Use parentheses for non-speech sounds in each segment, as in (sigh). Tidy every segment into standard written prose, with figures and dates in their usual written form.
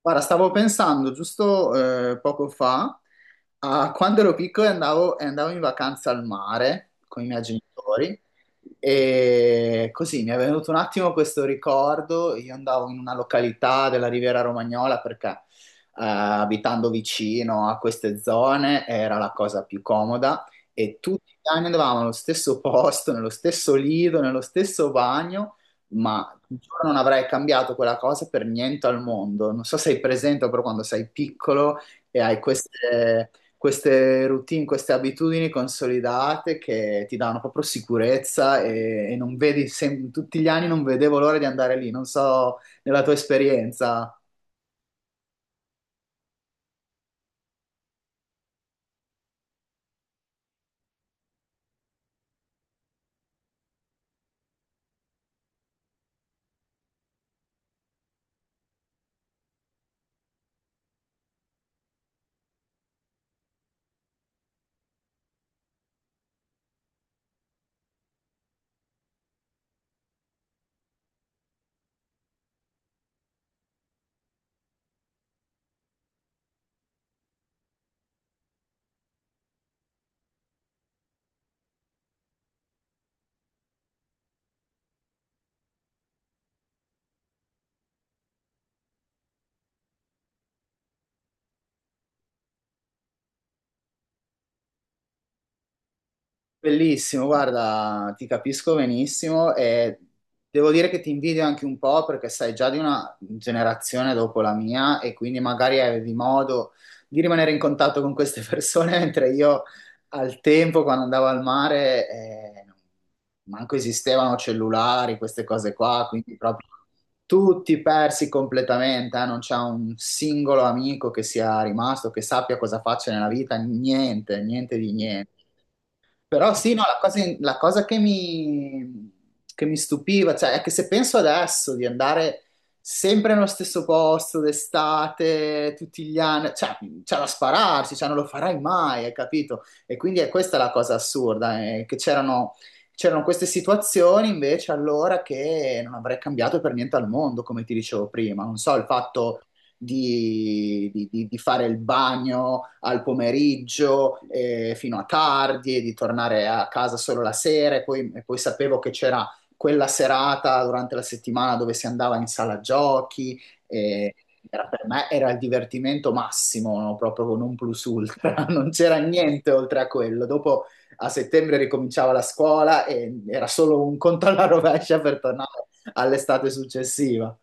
Guarda, stavo pensando giusto poco fa a quando ero piccolo e andavo in vacanza al mare con i miei genitori e così mi è venuto un attimo questo ricordo. Io andavo in una località della Riviera Romagnola perché abitando vicino a queste zone era la cosa più comoda e tutti gli anni andavamo allo stesso posto, nello stesso lido, nello stesso bagno. Ma giuro non avrei cambiato quella cosa per niente al mondo. Non so se hai presente, però quando sei piccolo e hai queste routine, queste abitudini consolidate che ti danno proprio sicurezza e non vedi, tutti gli anni non vedevo l'ora di andare lì. Non so, nella tua esperienza. Bellissimo, guarda, ti capisco benissimo e devo dire che ti invidio anche un po' perché sei già di una generazione dopo la mia e quindi magari avevi modo di rimanere in contatto con queste persone, (laughs) mentre io al tempo, quando andavo al mare, manco esistevano cellulari, queste cose qua, quindi proprio tutti persi completamente, eh. Non c'è un singolo amico che sia rimasto, che sappia cosa faccio nella vita, niente, niente di niente. Però sì, no, la cosa che che mi stupiva, cioè, è che se penso adesso di andare sempre nello stesso posto d'estate, tutti gli anni, cioè, c'è da spararsi, cioè, non lo farai mai, hai capito? E quindi è questa la cosa assurda, che c'erano queste situazioni invece allora che non avrei cambiato per niente al mondo, come ti dicevo prima. Non so, il fatto di fare il bagno al pomeriggio fino a tardi, di tornare a casa solo la sera e poi sapevo che c'era quella serata durante la settimana dove si andava in sala giochi. E, era per me era il divertimento massimo, no? Proprio con un plus ultra, (laughs) non c'era niente oltre a quello. Dopo a settembre ricominciava la scuola e era solo un conto alla rovescia per tornare all'estate successiva.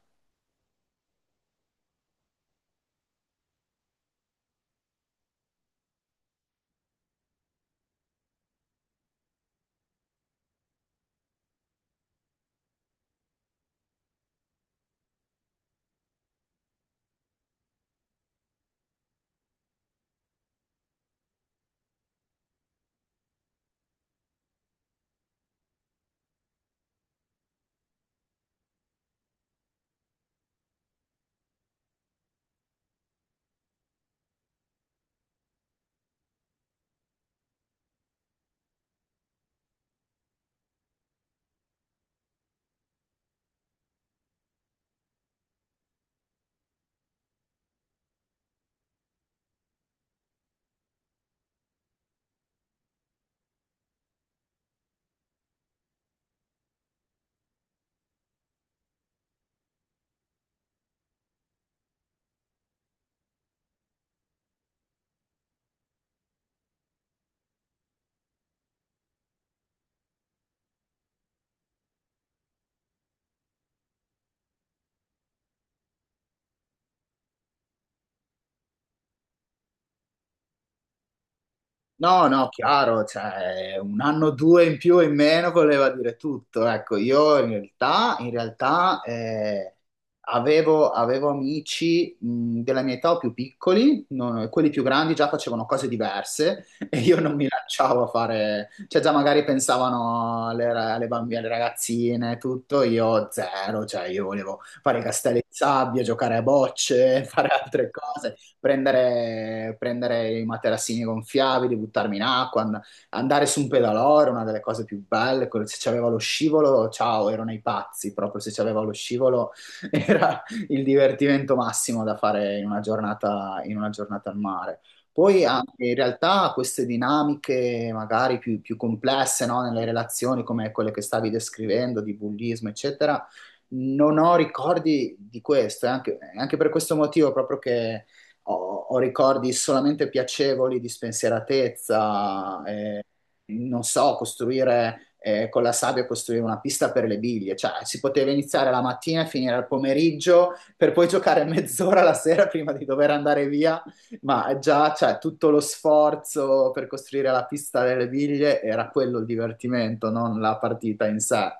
No, no, chiaro, cioè un anno o due in più o in meno voleva dire tutto. Ecco, io in realtà avevo amici della mia età o più piccoli, quelli più grandi già facevano cose diverse (laughs) e io non mi lanciavo a fare, cioè già magari pensavano alle, alle bambine, alle ragazzine, e tutto, io zero, cioè io volevo fare i castelli di sabbia, giocare a bocce, (laughs) fare altre cose, prendere i materassini gonfiabili, buttarmi in acqua, andare su un pedalò era una delle cose più belle. Se c'aveva lo scivolo, ciao, erano i pazzi. Proprio se c'aveva lo scivolo (laughs) era il divertimento massimo da fare in una giornata al mare. Poi anche in realtà queste dinamiche magari più complesse, no, nelle relazioni come quelle che stavi descrivendo, di bullismo, eccetera, non ho ricordi di questo, è anche per questo motivo proprio che ho, ho ricordi solamente piacevoli di spensieratezza, non so, costruire con la sabbia, costruire una pista per le biglie, cioè si poteva iniziare la mattina e finire al pomeriggio per poi giocare mezz'ora la sera prima di dover andare via, ma già cioè, tutto lo sforzo per costruire la pista delle biglie era quello il divertimento, non la partita in sé.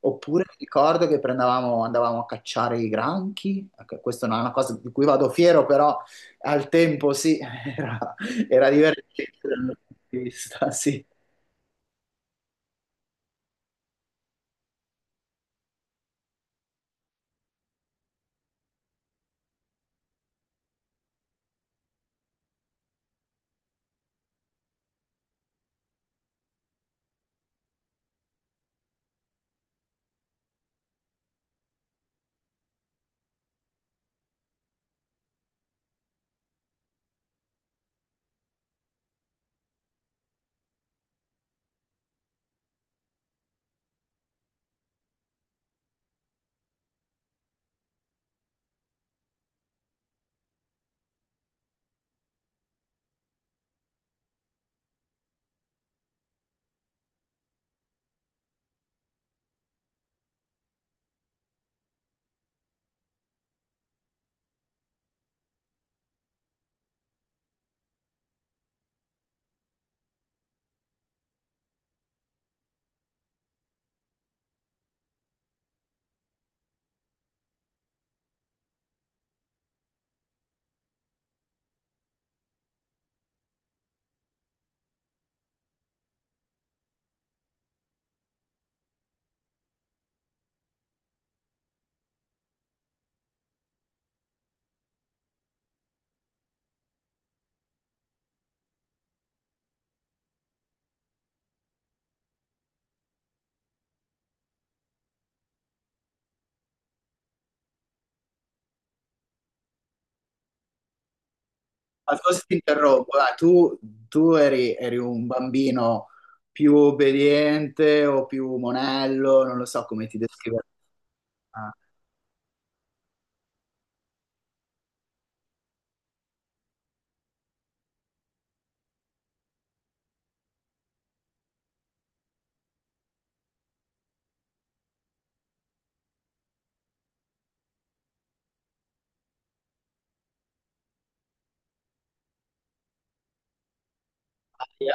Oppure mi ricordo che andavamo a cacciare i granchi, ecco, questa non è una cosa di cui vado fiero, però al tempo sì, (laughs) era, era divertente dal mio punto di vista, sì. Ma scusa, ti interrompo, dai, tu, tu eri un bambino più obbediente o più monello, non lo so come ti descrivo. Eh,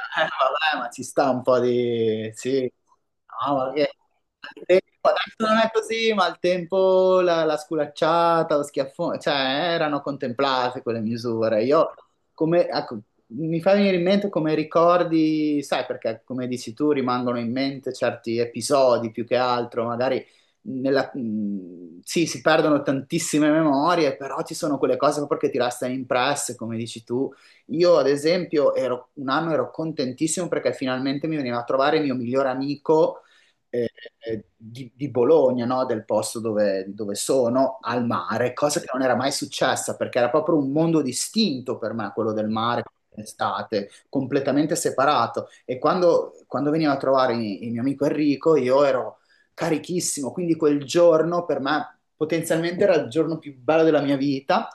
vabbè, ma ci sta un po' di... Sì, no, ma che... al tempo, adesso non è così, ma al tempo la sculacciata, lo schiaffone, cioè erano contemplate quelle misure. Io, come, ecco, mi fa venire in mente come ricordi, sai, perché come dici tu rimangono in mente certi episodi più che altro, magari sì, si perdono tantissime memorie, però ci sono quelle cose proprio che ti restano impresse, come dici tu. Io, ad esempio, un anno ero contentissimo perché finalmente mi veniva a trovare il mio migliore amico eh, di Bologna, no? Del posto dove sono, al mare, cosa che non era mai successa perché era proprio un mondo distinto per me, quello del mare. Estate, completamente separato e quando veniva a trovare il mio amico Enrico io ero carichissimo, quindi quel giorno per me potenzialmente era il giorno più bello della mia vita.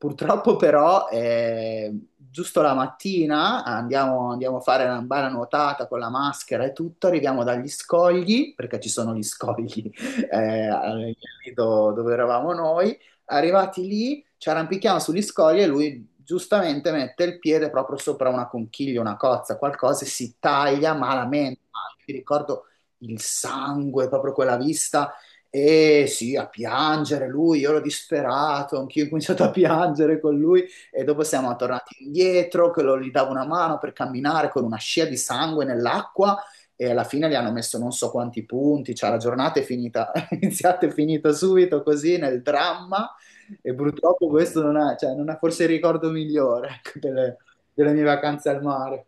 Purtroppo però, giusto la mattina andiamo, andiamo a fare una bella nuotata con la maschera e tutto, arriviamo dagli scogli, perché ci sono gli scogli (laughs) al- lì dove eravamo noi, arrivati lì ci arrampichiamo sugli scogli e lui giustamente mette il piede proprio sopra una conchiglia, una cozza, qualcosa e si taglia malamente. Ah, mi ricordo il sangue, proprio quella vista e sì, a piangere lui, io ero disperato, anch'io ho cominciato a piangere con lui e dopo siamo tornati indietro, che gli davo una mano per camminare con una scia di sangue nell'acqua e alla fine gli hanno messo non so quanti punti, cioè la giornata è finita, (laughs) è iniziata e finita subito così nel dramma e purtroppo questo non è, cioè, non è forse il ricordo migliore ecco, delle mie vacanze al mare.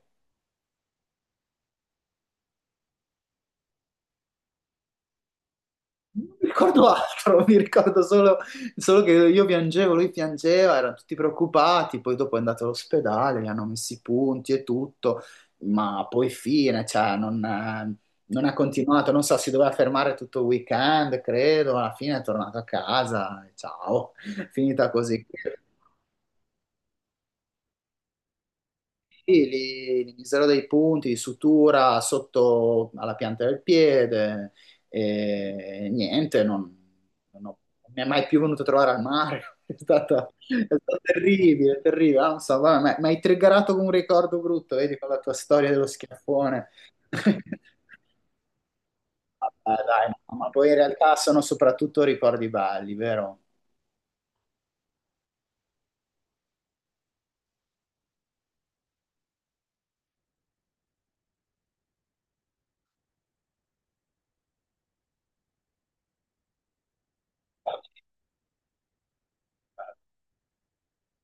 Mi ricordo altro, (laughs) mi ricordo solo, solo che io piangevo, lui piangeva, erano tutti preoccupati, poi dopo è andato all'ospedale, gli hanno messo i punti e tutto, ma poi fine, cioè non, non ha continuato, non so, si doveva fermare tutto il weekend, credo, alla fine è tornato a casa, ciao, (laughs) finita così. Sì, li miserò dei punti di sutura sotto alla pianta del piede e niente, non, non ho- non mi è mai più venuto a trovare al mare. (laughs) È stata, è stato terribile, terribile. Ah, non so, guarda, mi hai triggerato con un ricordo brutto, vedi, con la tua storia dello schiaffone. (laughs) Vabbè, dai, no, ma poi in realtà sono soprattutto ricordi belli, vero?